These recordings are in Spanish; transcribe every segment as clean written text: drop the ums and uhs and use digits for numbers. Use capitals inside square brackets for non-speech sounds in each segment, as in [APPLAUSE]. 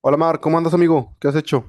Hola Mar, ¿cómo andas amigo? ¿Qué has hecho?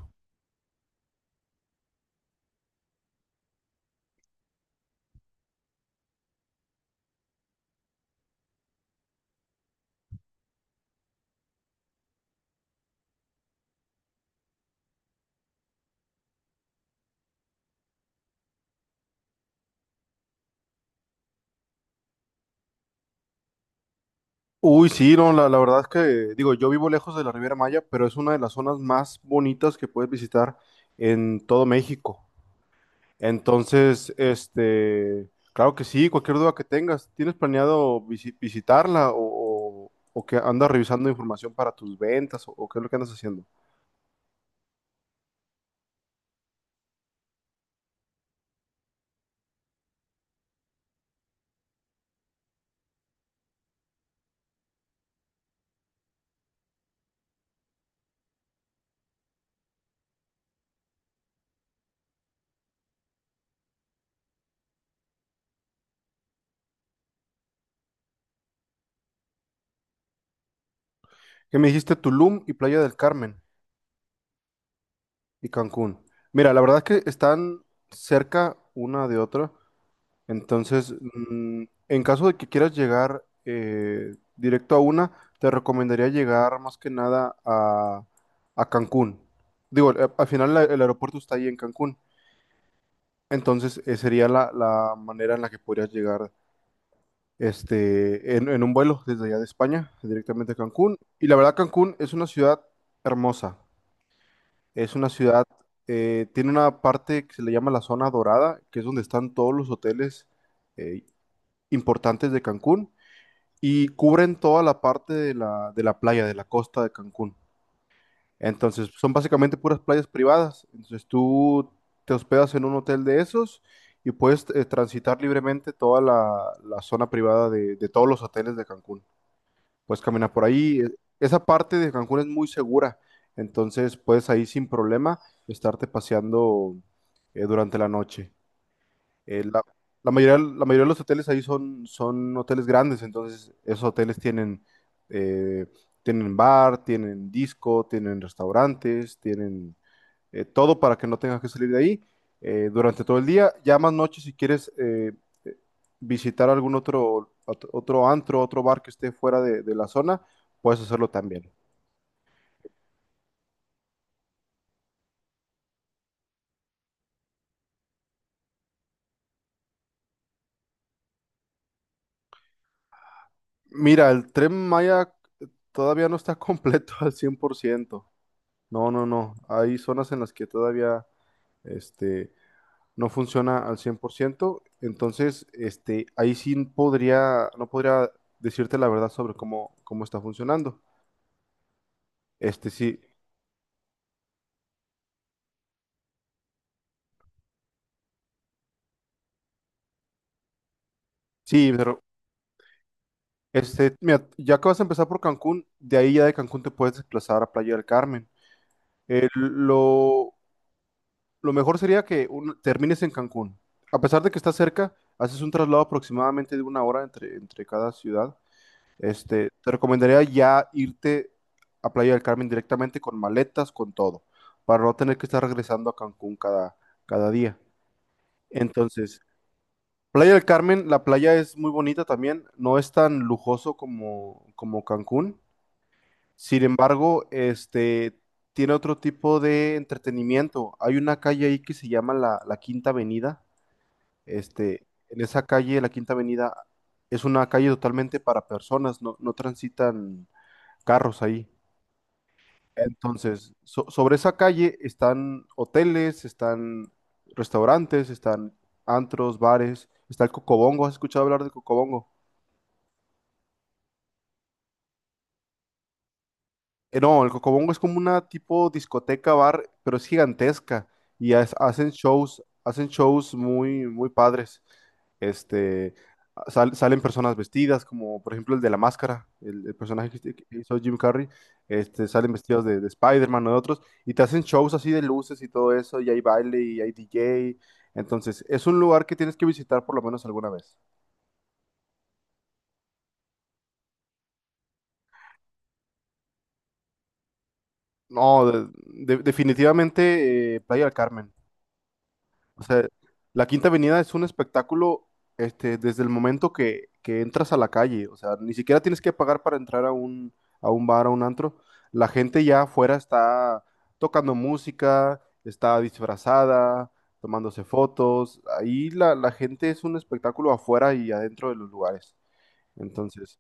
Uy, sí, no, la verdad es que, digo, yo vivo lejos de la Riviera Maya, pero es una de las zonas más bonitas que puedes visitar en todo México. Entonces, claro que sí, cualquier duda que tengas, ¿tienes planeado visitarla o que andas revisando información para tus ventas o qué es lo que andas haciendo? Que me dijiste Tulum y Playa del Carmen y Cancún. Mira, la verdad es que están cerca una de otra. Entonces, en caso de que quieras llegar directo a una, te recomendaría llegar más que nada a, Cancún. Digo, al final el aeropuerto está ahí en Cancún. Entonces, sería la manera en la que podrías llegar en un vuelo desde allá de España, directamente a Cancún. Y la verdad, Cancún es una ciudad hermosa. Es una ciudad, tiene una parte que se le llama la zona dorada, que es donde están todos los hoteles eh, importantes de Cancún, y cubren toda la parte de la playa, de la costa de Cancún. Entonces, son básicamente puras playas privadas. Entonces, tú te hospedas en un hotel de esos y puedes transitar libremente toda la zona privada de todos los hoteles de Cancún. Puedes caminar por ahí. Esa parte de Cancún es muy segura. Entonces, puedes ahí sin problema estarte paseando durante la noche. Eh, la, la mayoría de los hoteles ahí son, hoteles grandes. Entonces, esos hoteles tienen, eh, bar, tienen disco, tienen restaurantes, tienen todo para que no tengas que salir de ahí durante todo el día. Ya más noche, si quieres eh, visitar algún otro antro, otro bar que esté fuera de, la zona, puedes hacerlo también. Mira, el Tren Maya todavía no está [LAUGHS] completo al 100%. No, no, no. Hay zonas en las que todavía este, no funciona al 100%. Entonces, ahí sí podría, no podría decirte la verdad sobre cómo está funcionando. Sí, sí, pero mira, ya que vas a empezar por Cancún, de ahí ya de Cancún te puedes desplazar a Playa del Carmen. Eh, lo, lo mejor sería que termines en Cancún. A pesar de que está cerca, haces un traslado aproximadamente de 1 hora entre cada ciudad. Te recomendaría ya irte a Playa del Carmen directamente con maletas, con todo, para no tener que estar regresando a Cancún cada día. Entonces, Playa del Carmen, la playa es muy bonita también, no es tan lujoso como Cancún. Sin embargo, tiene otro tipo de entretenimiento. Hay una calle ahí que se llama la Quinta Avenida. En esa calle, la Quinta Avenida, es una calle totalmente para personas, no transitan carros ahí. Entonces, sobre esa calle están hoteles, están restaurantes, están antros, bares, está el Cocobongo. ¿Has escuchado hablar de Cocobongo? No, el Cocobongo es como una tipo discoteca bar, pero es gigantesca y hacen shows muy, muy padres. Este, Salen personas vestidas, como por ejemplo el de la máscara, el personaje que hizo Jim Carrey, salen vestidos de, Spider-Man o de otros, y te hacen shows así de luces y todo eso, y hay baile y hay DJ. Entonces, es un lugar que tienes que visitar por lo menos alguna vez. No, definitivamente Playa del Carmen. O sea, la Quinta Avenida es un espectáculo desde el momento que entras a la calle. O sea, ni siquiera tienes que pagar para entrar a un, bar, a un antro. La gente ya afuera está tocando música, está disfrazada, tomándose fotos. Ahí la gente es un espectáculo afuera y adentro de los lugares. Entonces,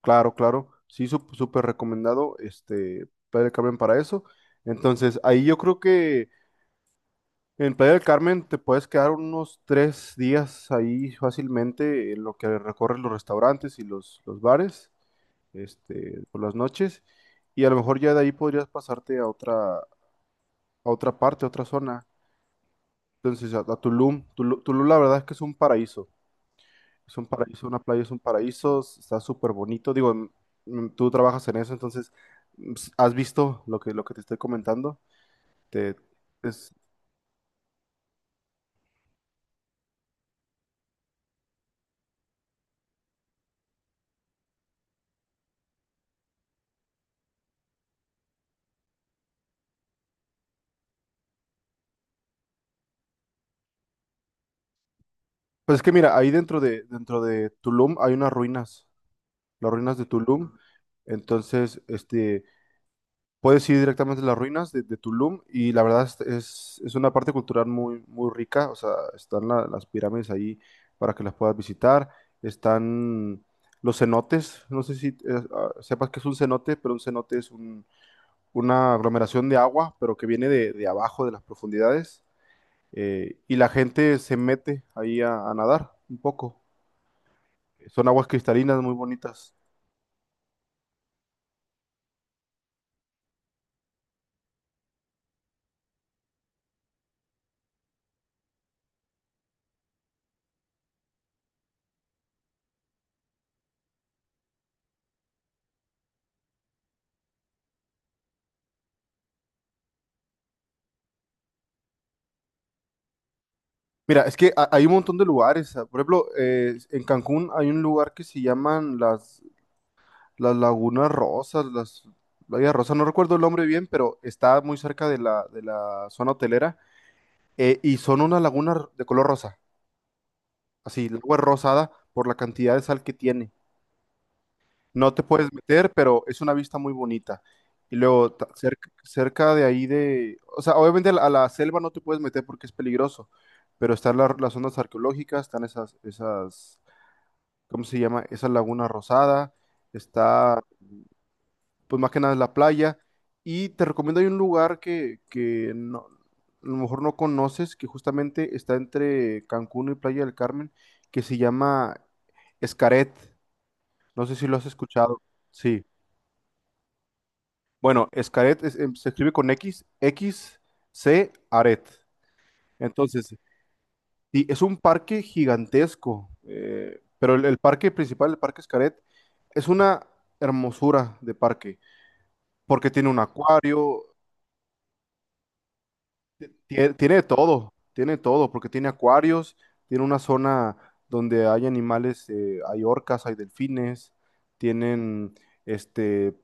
claro, claro, sí, súper recomendado, Playa del Carmen para eso. Entonces, ahí yo creo que en Playa del Carmen te puedes quedar unos 3 días ahí fácilmente en lo que recorres los restaurantes y los bares, por las noches, y a lo mejor ya de ahí podrías pasarte a otra parte, a otra zona. Entonces, a, Tulum. Tulum, la verdad es que es un paraíso. Es un paraíso, una playa es un paraíso, está súper bonito. Digo, tú trabajas en eso, entonces has visto lo que, te estoy comentando. Te, Pues es que mira, ahí dentro de Tulum hay unas ruinas, las ruinas de Tulum. Entonces, puedes ir directamente a las ruinas de Tulum, y la verdad es, es una parte cultural muy, muy rica. O sea, están las pirámides ahí para que las puedas visitar. Están los cenotes. No sé si sepas que es un cenote, pero un cenote es una aglomeración de agua, pero que viene de abajo, de las profundidades, y la gente se mete ahí a nadar un poco. Son aguas cristalinas muy bonitas. Mira, es que hay un montón de lugares. Por ejemplo, en Cancún hay un lugar que se llaman las Lagunas Rosas, no recuerdo el nombre bien, pero está muy cerca de la zona hotelera, y son unas lagunas de color rosa. Así, el agua es rosada por la cantidad de sal que tiene. No te puedes meter, pero es una vista muy bonita. Y luego, cerca de ahí de... O sea, obviamente a la selva no te puedes meter porque es peligroso, pero están las zonas arqueológicas, están esas, ¿cómo se llama? Esa laguna rosada, está, pues más que nada es la playa. Y te recomiendo, hay un lugar que no, a lo mejor no conoces, que justamente está entre Cancún y Playa del Carmen, que se llama Escaret. No sé si lo has escuchado. Sí. Bueno, Xcaret se escribe con X, X, C, Aret. Entonces, sí, es un parque gigantesco, pero el parque principal, el parque Xcaret, es una hermosura de parque, porque tiene un acuario, tiene de todo, porque tiene acuarios, tiene una zona donde hay animales, hay orcas, hay delfines, tienen este,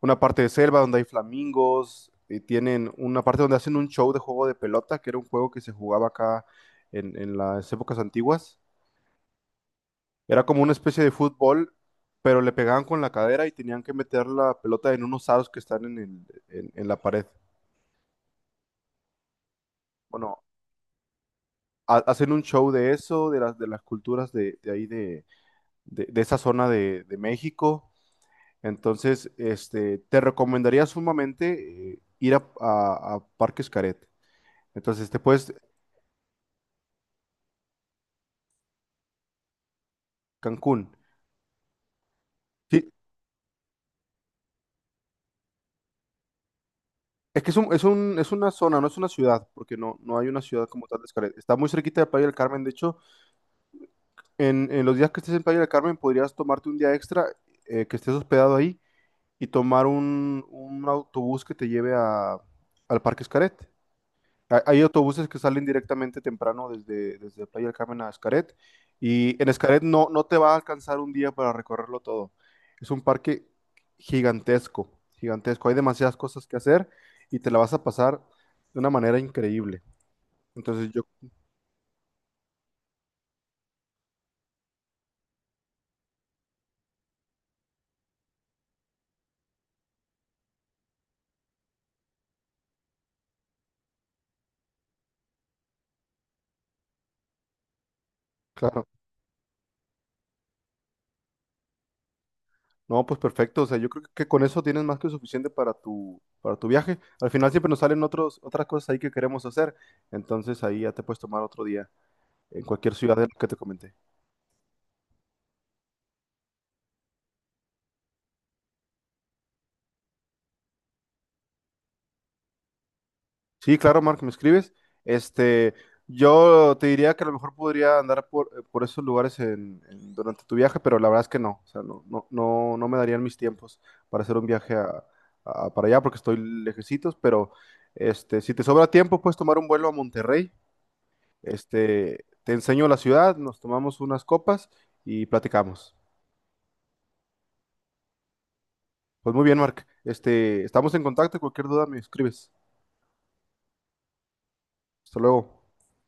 una parte de selva donde hay flamingos, tienen una parte donde hacen un show de juego de pelota, que era un juego que se jugaba acá en las épocas antiguas. Era como una especie de fútbol, pero le pegaban con la cadera y tenían que meter la pelota en unos aros que están en la pared. Bueno, hacen un show de eso, de las, culturas de, ahí, de esa zona de México. Entonces, te recomendaría sumamente ir a, Parques Caret. Entonces, te puedes Cancún. Sí, es que es un, es una zona, no es una ciudad, porque no hay una ciudad como tal de Xcaret. Está muy cerquita de Playa del Carmen. De hecho, en los días que estés en Playa del Carmen podrías tomarte un día extra, que estés hospedado ahí, y tomar un autobús que te lleve al Parque Xcaret. Hay autobuses que salen directamente temprano desde Playa del Carmen a Xcaret, y en Xcaret no te va a alcanzar un día para recorrerlo todo. Es un parque gigantesco, gigantesco. Hay demasiadas cosas que hacer, y te la vas a pasar de una manera increíble. Entonces yo, claro, no, pues perfecto. O sea, yo creo que con eso tienes más que suficiente para tu, viaje. Al final siempre nos salen otros, otras cosas ahí que queremos hacer. Entonces, ahí ya te puedes tomar otro día en cualquier ciudad de lo que te comenté. Sí, claro, Mark, me escribes. Este, yo te diría que a lo mejor podría andar por esos lugares durante tu viaje, pero la verdad es que no. O sea, no, no, no, no me darían mis tiempos para hacer un viaje para allá, porque estoy lejecitos, pero si te sobra tiempo, puedes tomar un vuelo a Monterrey. Te enseño la ciudad, nos tomamos unas copas y platicamos. Pues muy bien, Mark. Estamos en contacto, cualquier duda me escribes. Hasta luego.